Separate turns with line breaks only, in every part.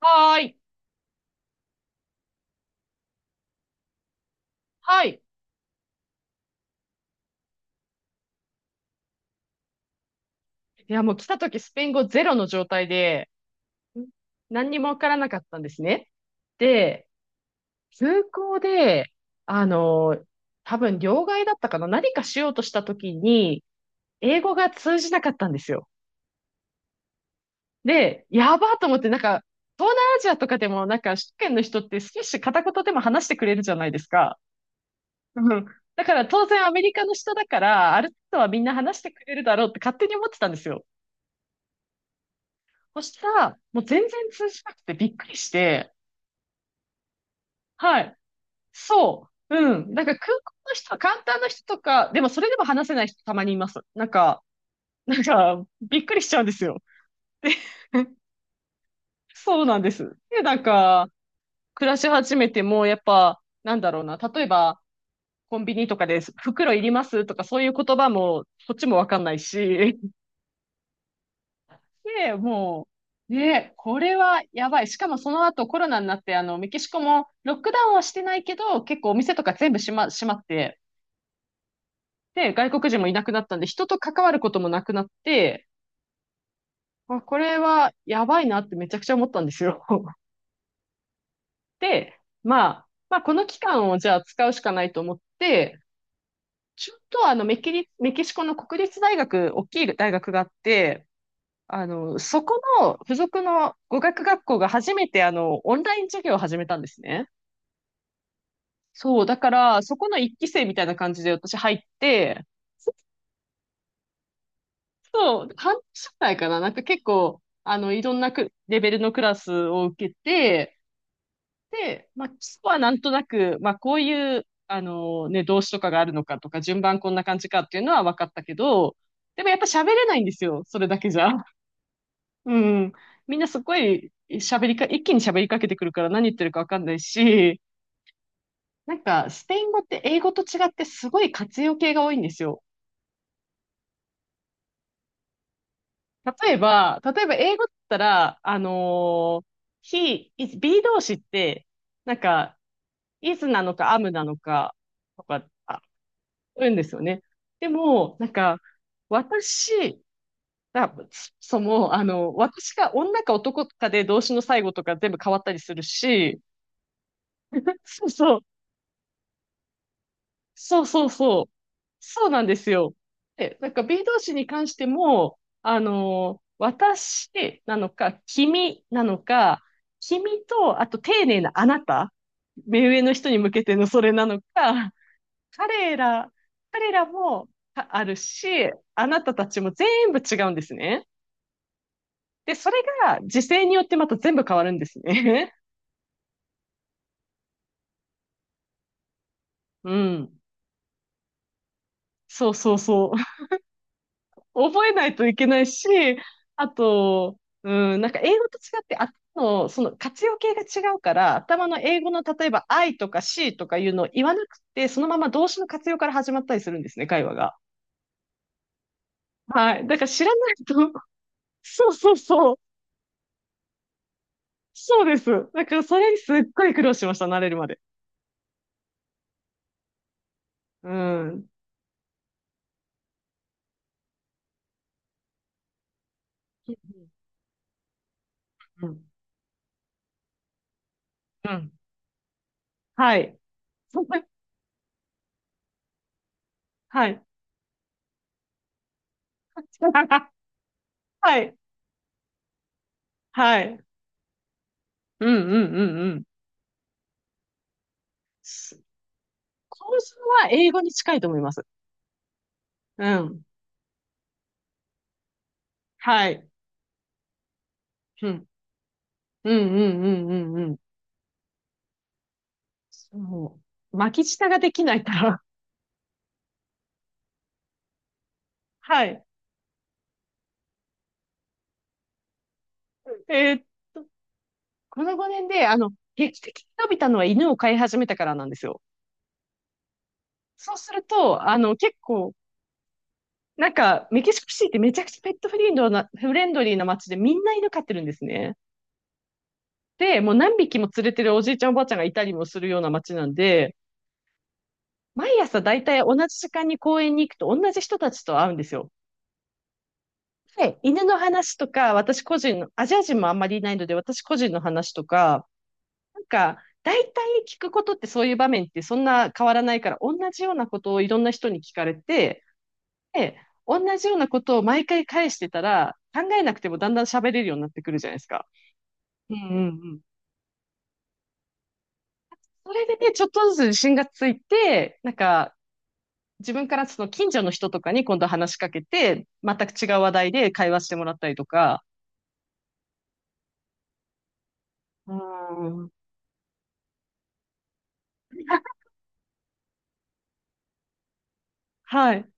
はーい。はい。いや、もう来た時スペイン語ゼロの状態で、ん何にもわからなかったんですね。で、空港で、あの、多分両替だったかな何かしようとした時に、英語が通じなかったんですよ。で、やばーと思って、なんか、東南アジアとかでも、なんか、首都圏の人って少し片言でも話してくれるじゃないですか。うん。だから当然アメリカの人だから、ある程度はみんな話してくれるだろうって勝手に思ってたんですよ。そしたら、もう全然通じなくてびっくりして、はい。そう。うん。なんか空港の人は、簡単な人とか、でもそれでも話せない人たまにいます。なんか、なんか、びっくりしちゃうんですよ。そうなんです。で、なんか、暮らし始めても、やっぱ、なんだろうな、例えば、コンビニとかで袋いりますとか、そういう言葉も、こっちもわかんないし、で、もう、ね、これはやばい。しかもその後コロナになって、あの、メキシコもロックダウンはしてないけど、結構お店とか全部閉まって、で、外国人もいなくなったんで、人と関わることもなくなって、あ、これはやばいなってめちゃくちゃ思ったんですよ。で、まあ、まあ、この期間をじゃあ使うしかないと思って、ちょっとあのメキシコの国立大学、大きい大学があって、あの、そこの付属の語学学校が初めてあの、オンライン授業を始めたんですね。そう、だから、そこの一期生みたいな感じで私入って、そう、半年くらいかな、なんか結構、あの、いろんなくレベルのクラスを受けて、で、まあ、基礎はなんとなく、まあ、こういう、あの、ね、動詞とかがあるのかとか、順番こんな感じかっていうのは分かったけど、でもやっぱ喋れないんですよ、それだけじゃ。うん。みんなすごい喋りか、一気に喋りかけてくるから何言ってるかわかんないし、なんか、スペイン語って英語と違ってすごい活用形が多いんですよ。例えば、英語だったら、he, is, be 動詞って、なんか、is なのか am なのか、とか、あ、言うんですよね。でも、なんか、私、だ、そも、私が女か男かで動詞の最後とか全部変わったりするし、そうそう。そうそうそう。そうなんですよ。で、なんか B 動詞に関しても、私なのか、君なのか、君と、あと丁寧なあなた、目上の人に向けてのそれなのか、彼ら、彼らもああるし、あなたたちも全部違うんですね。で、それが時勢によってまた全部変わるんですね。うん。そうそうそう。覚えないといけないし、あと、うん、なんか英語と違って、その活用形が違うから、頭の英語の例えば I とか C とかいうのを言わなくて、そのまま動詞の活用から始まったりするんですね、会話が。はい。だから知らないと、そうそうそう、そうです。だからそれにすっごい苦労しました、慣れるまで。うん。うんうん。うん。はい。はい。はい。はい。はい。うんうんうんうん。構造は英語に近いと思います。うん。はい。うん。うんうんうんうんうん。そう。巻き舌ができないから。はい。えーっと、この5年で、劇的に伸びたのは犬を飼い始めたからなんですよ。そうすると、結構、なんか、メキシコシティってめちゃくちゃペットフレンドな、フレンドリーな街でみんな犬飼ってるんですね。で、もう何匹も連れてるおじいちゃんおばあちゃんがいたりもするような街なんで、毎朝だいたい同じ時間に公園に行くと同じ人たちと会うんですよ。はい、犬の話とか、私個人の、アジア人もあんまりいないので、私個人の話とか、なんか、大体聞くことってそういう場面ってそんな変わらないから、同じようなことをいろんな人に聞かれて、で、同じようなことを毎回返してたら、考えなくてもだんだん喋れるようになってくるじゃないですか。うんうんうん。それでね、ちょっとずつ自信がついて、なんか、自分からその近所の人とかに今度話しかけて、全く違う話題で会話してもらったりとか、うん。はい。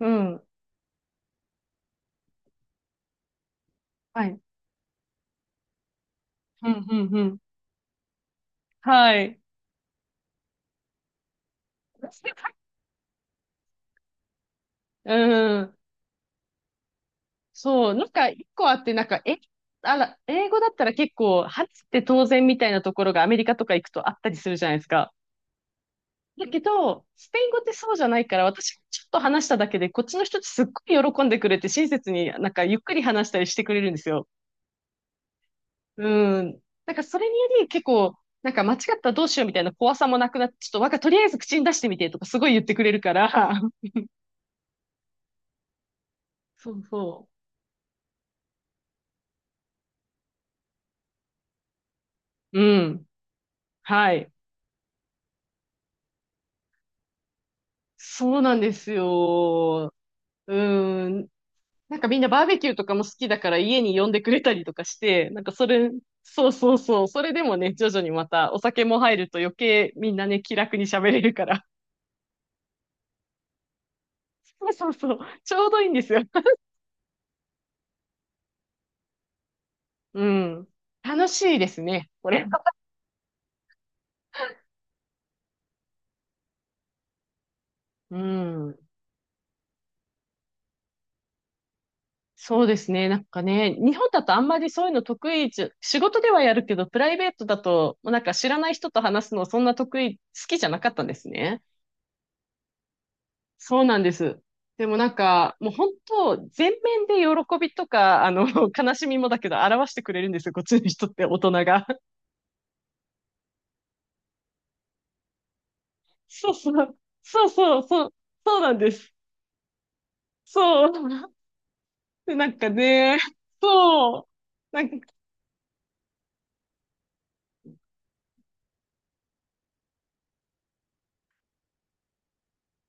うん。はい。うん、うん、うん。はい。うん。そう。なんか、一個あって、なんか、あら、英語だったら結構、話って当然みたいなところがアメリカとか行くとあったりするじゃないですか。だけど、スペイン語ってそうじゃないから、私ちょっと話しただけで、こっちの人ってすっごい喜んでくれて、親切になんかゆっくり話したりしてくれるんですよ。うん。なんかそれにより結構、なんか間違ったらどうしようみたいな怖さもなくなって、ちょっとわか、とりあえず口に出してみてとかすごい言ってくれるから。そうそう。うん。はい。そうなんですよ。うん。なんかみんなバーベキューとかも好きだから家に呼んでくれたりとかして、なんかそれ、そうそうそう。それでもね、徐々にまたお酒も入ると余計みんなね、気楽に喋れるから。そうそうそう。ちょうどいいんですよ。うん。楽しいですね、これ。うん。そうですね。なんかね、日本だとあんまりそういうの得意じゃ、仕事ではやるけど、プライベートだと、もうなんか知らない人と話すのそんな得意、好きじゃなかったんですね。そうなんです。でもなんか、もう本当、全面で喜びとか、あの、悲しみもだけど、表してくれるんですよ、こっちの人って、大人が。そうそう、そうそう、そう、そうなんです。そう。で、なんかね、そう。なんか、い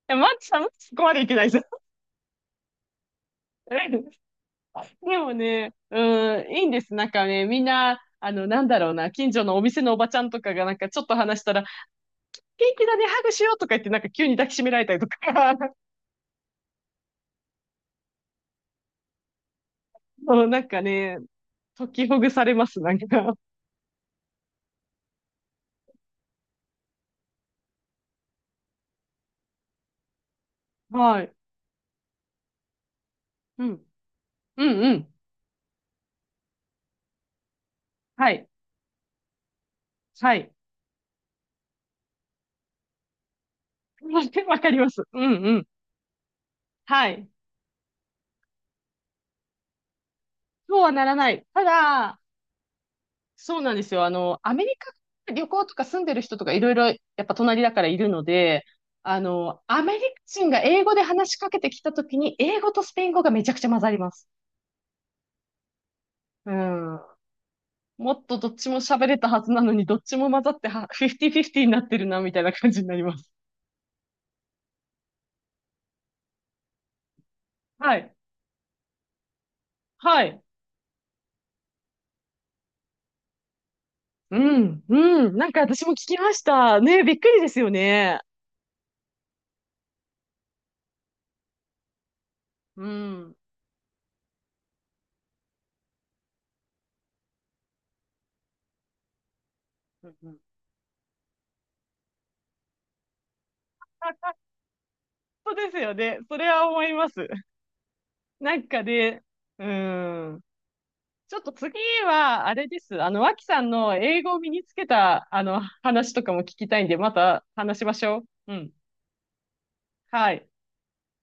や、マッチさん、マッチそここまでいけないです。 でもね、うん、いいんです。なんかね、みんな、あの、なんだろうな、近所のお店のおばちゃんとかがなんかちょっと話したら、元気だね、ハグしようとか言って、なんか急に抱きしめられたりとか、そうなんかね、解きほぐされます、なんか。はい。うん。うんうん。はい。はい。わかります。うんうん。はい。そうはならない。ただ、そうなんですよ。あの、アメリカ旅行とか住んでる人とかいろいろやっぱ隣だからいるので、あの、アメリカ人が英語で話しかけてきたときに、英語とスペイン語がめちゃくちゃ混ざります。うん。もっとどっちも喋れたはずなのに、どっちも混ざっては、50-50になってるな、みたいな感じになります。はい。はい。うん、うん。なんか私も聞きました。ね、びっくりですよね。うん。うんうん、あ、本当ですよね。それは思います。なんかね、うん。ちょっと次は、あれです。あの、脇さんの英語を身につけた、あの、話とかも聞きたいんで、また話しましょう。うん。はい。